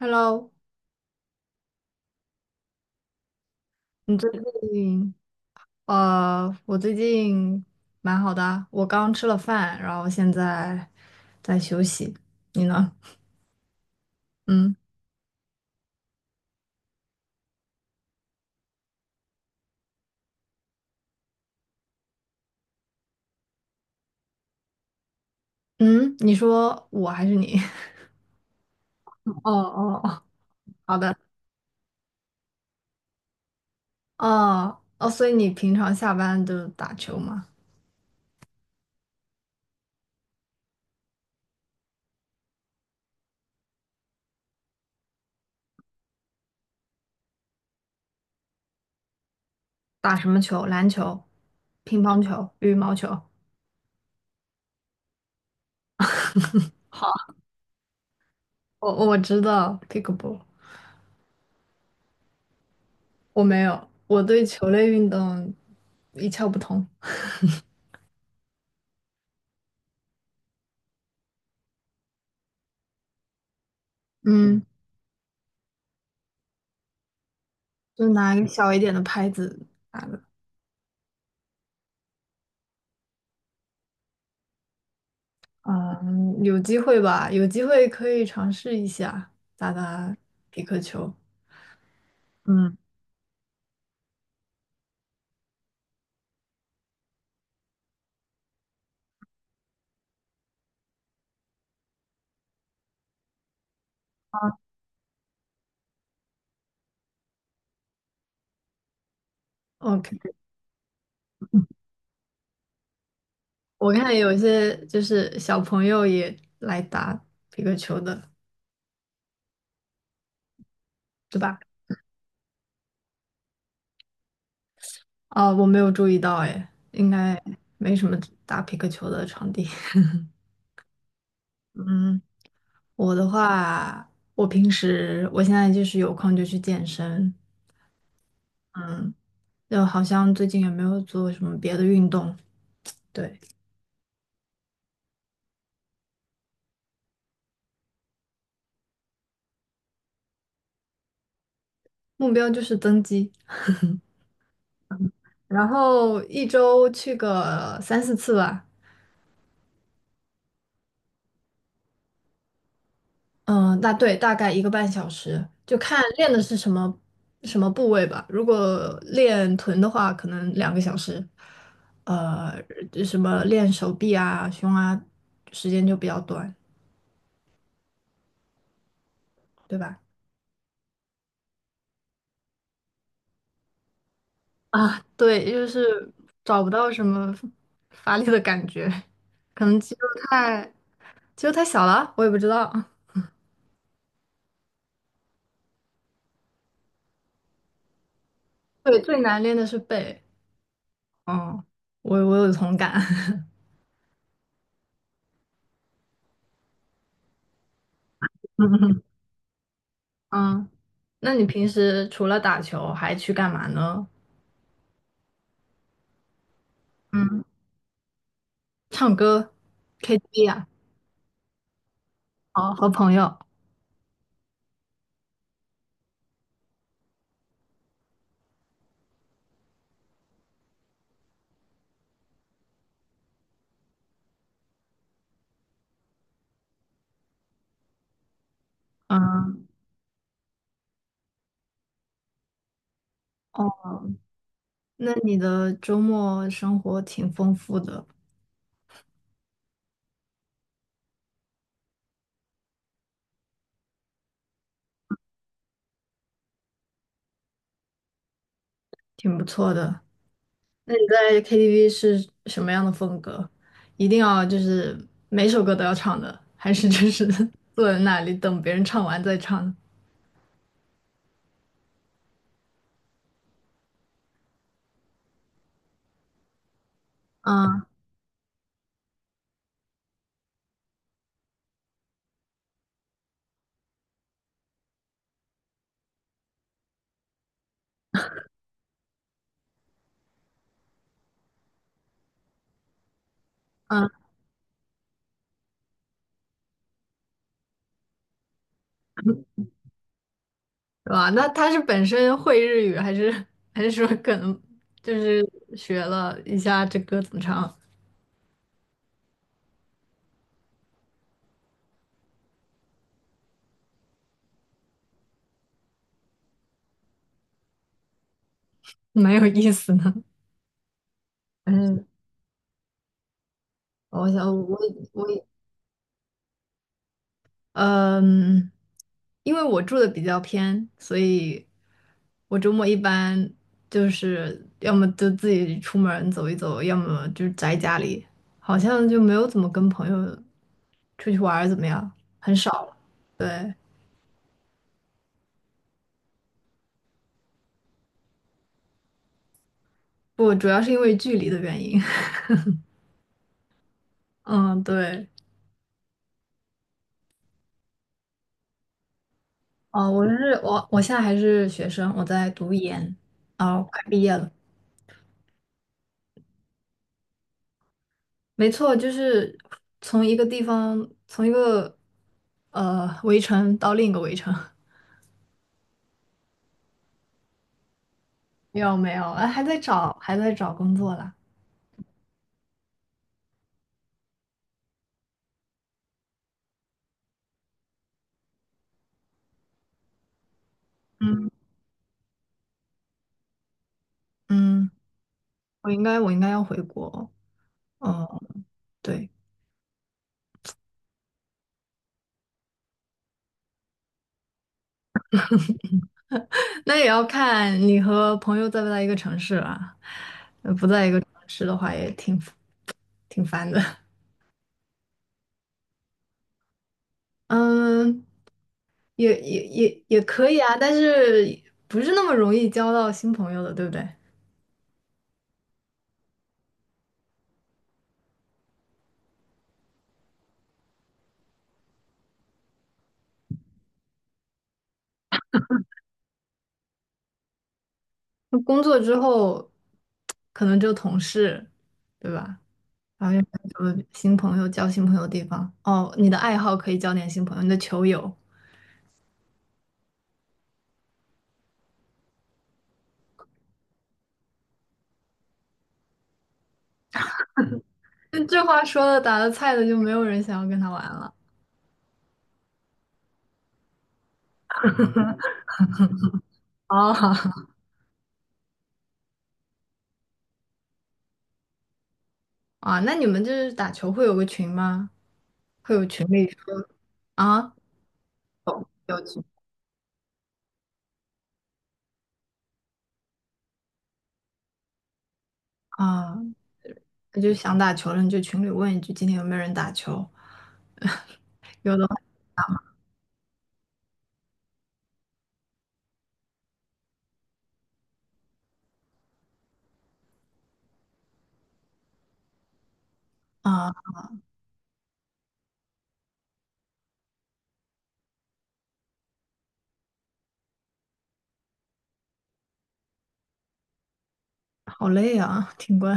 Hello，你最近呃，我最近蛮好的啊，我刚吃了饭，然后现在在休息。你呢？嗯嗯，你说我还是你？哦哦哦，好的。哦哦，所以你平常下班就打球吗？打什么球？篮球、乒乓球、羽毛球。好，我知道 pickleball，我没有，我对球类运动一窍不通。嗯，就拿一个小一点的拍子打的。嗯，有机会吧，有机会可以尝试一下打打匹克球。嗯，OK，我看有一些就是小朋友也来打匹克球的，对吧？啊，我没有注意到，哎，应该没什么打匹克球的场地。嗯，我的话，我平时我现在就是有空就去健身，嗯，就好像最近也没有做什么别的运动，对，目标就是增肌。然后一周去个三四次吧，嗯，大概一个半小时，就看练的是什么部位吧。如果练臀的话，可能两个小时，呃，就什么练手臂啊、胸啊，时间就比较短，对吧？啊，对，就是找不到什么发力的感觉，可能肌肉太小了，我也不知道。对，最难练的是背，嗯，我有同感。嗯。那你平时除了打球还去干嘛呢？嗯，唱歌、KTV 啊？哦，和朋友。嗯，哦，那你的周末生活挺丰富的，挺不错的。那你在 KTV 是什么样的风格？一定要就是每首歌都要唱的，还是就是 坐在那里等别人唱完再唱，嗯嗯，是吧？那他是本身会日语，还是说可能就是学了一下这歌怎么唱？蛮有意思的。嗯，我想我嗯，因为我住的比较偏，所以我周末一般就是要么就自己出门儿走一走，要么就是宅家里，好像就没有怎么跟朋友出去玩儿怎么样？很少了，对，不，主要是因为距离的原因。嗯，对。哦，我现在还是学生，我在读研，哦，快毕业了。没错，就是从一个呃围城到另一个围城。没有，哎，还在找工作啦。嗯，我应该要回国。哦，对，那也要看你和朋友在不在一个城市啦。呃，不在一个城市的话，也挺烦的。嗯，也可以啊，但是不是那么容易交到新朋友的，对不对？那工作之后，可能就同事，对吧？然后又没有很多新朋友，交新朋友的地方？哦，你的爱好可以交点新朋友，你的球友。那这话说的，打的菜的就没有人想要跟他玩了。哦，啊，那你们就是打球会有个群吗？会有群里啊？有群啊？那就想打球了，你就群里问一句，今天有没有人打球？啊，好累啊，挺官。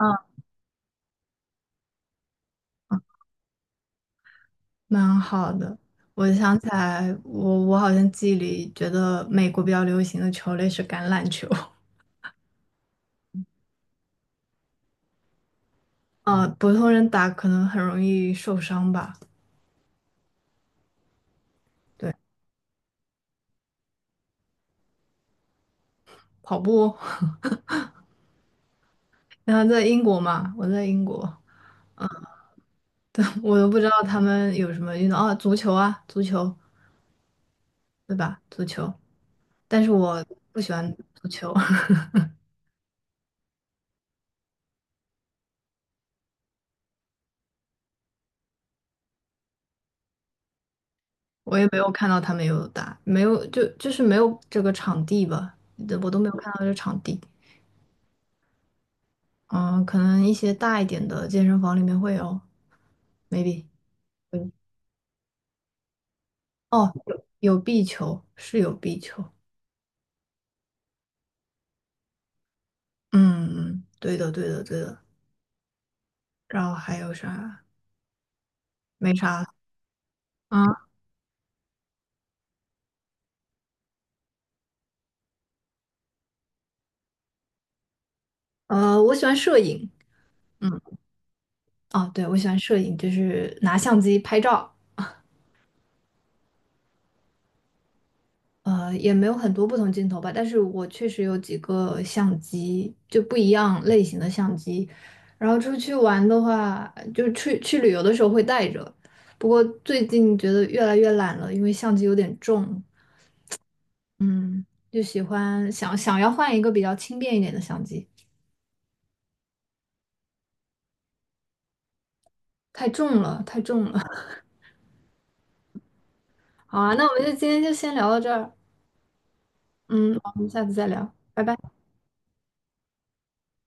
啊。蛮好的。我想起来，我好像记忆里觉得美国比较流行的球类是橄榄球。啊，普通人打可能很容易受伤吧。对，跑步。然后在英国嘛，我在英国，我都不知道他们有什么运动啊，足球，对吧？足球，但是我不喜欢足球。我也没有看到他们有打，没有就就是没有这个场地吧，我都没有看到这场地。嗯，可能一些大一点的健身房里面会有，maybe。 嗯，哦，有壁球，是有壁球。嗯，对的对的对的。然后还有啥？没啥。啊，呃，我喜欢摄影。嗯，哦，对，我喜欢摄影，就是拿相机拍照。呃，也没有很多不同镜头吧，但是我确实有几个相机，就不一样类型的相机。然后出去玩的话，就去旅游的时候会带着，不过最近觉得越来越懒了，因为相机有点重，嗯，就喜欢想要换一个比较轻便一点的相机，太重了，太重了。好啊，那我们就今天就先聊到这儿，嗯，我们下次再聊，拜拜。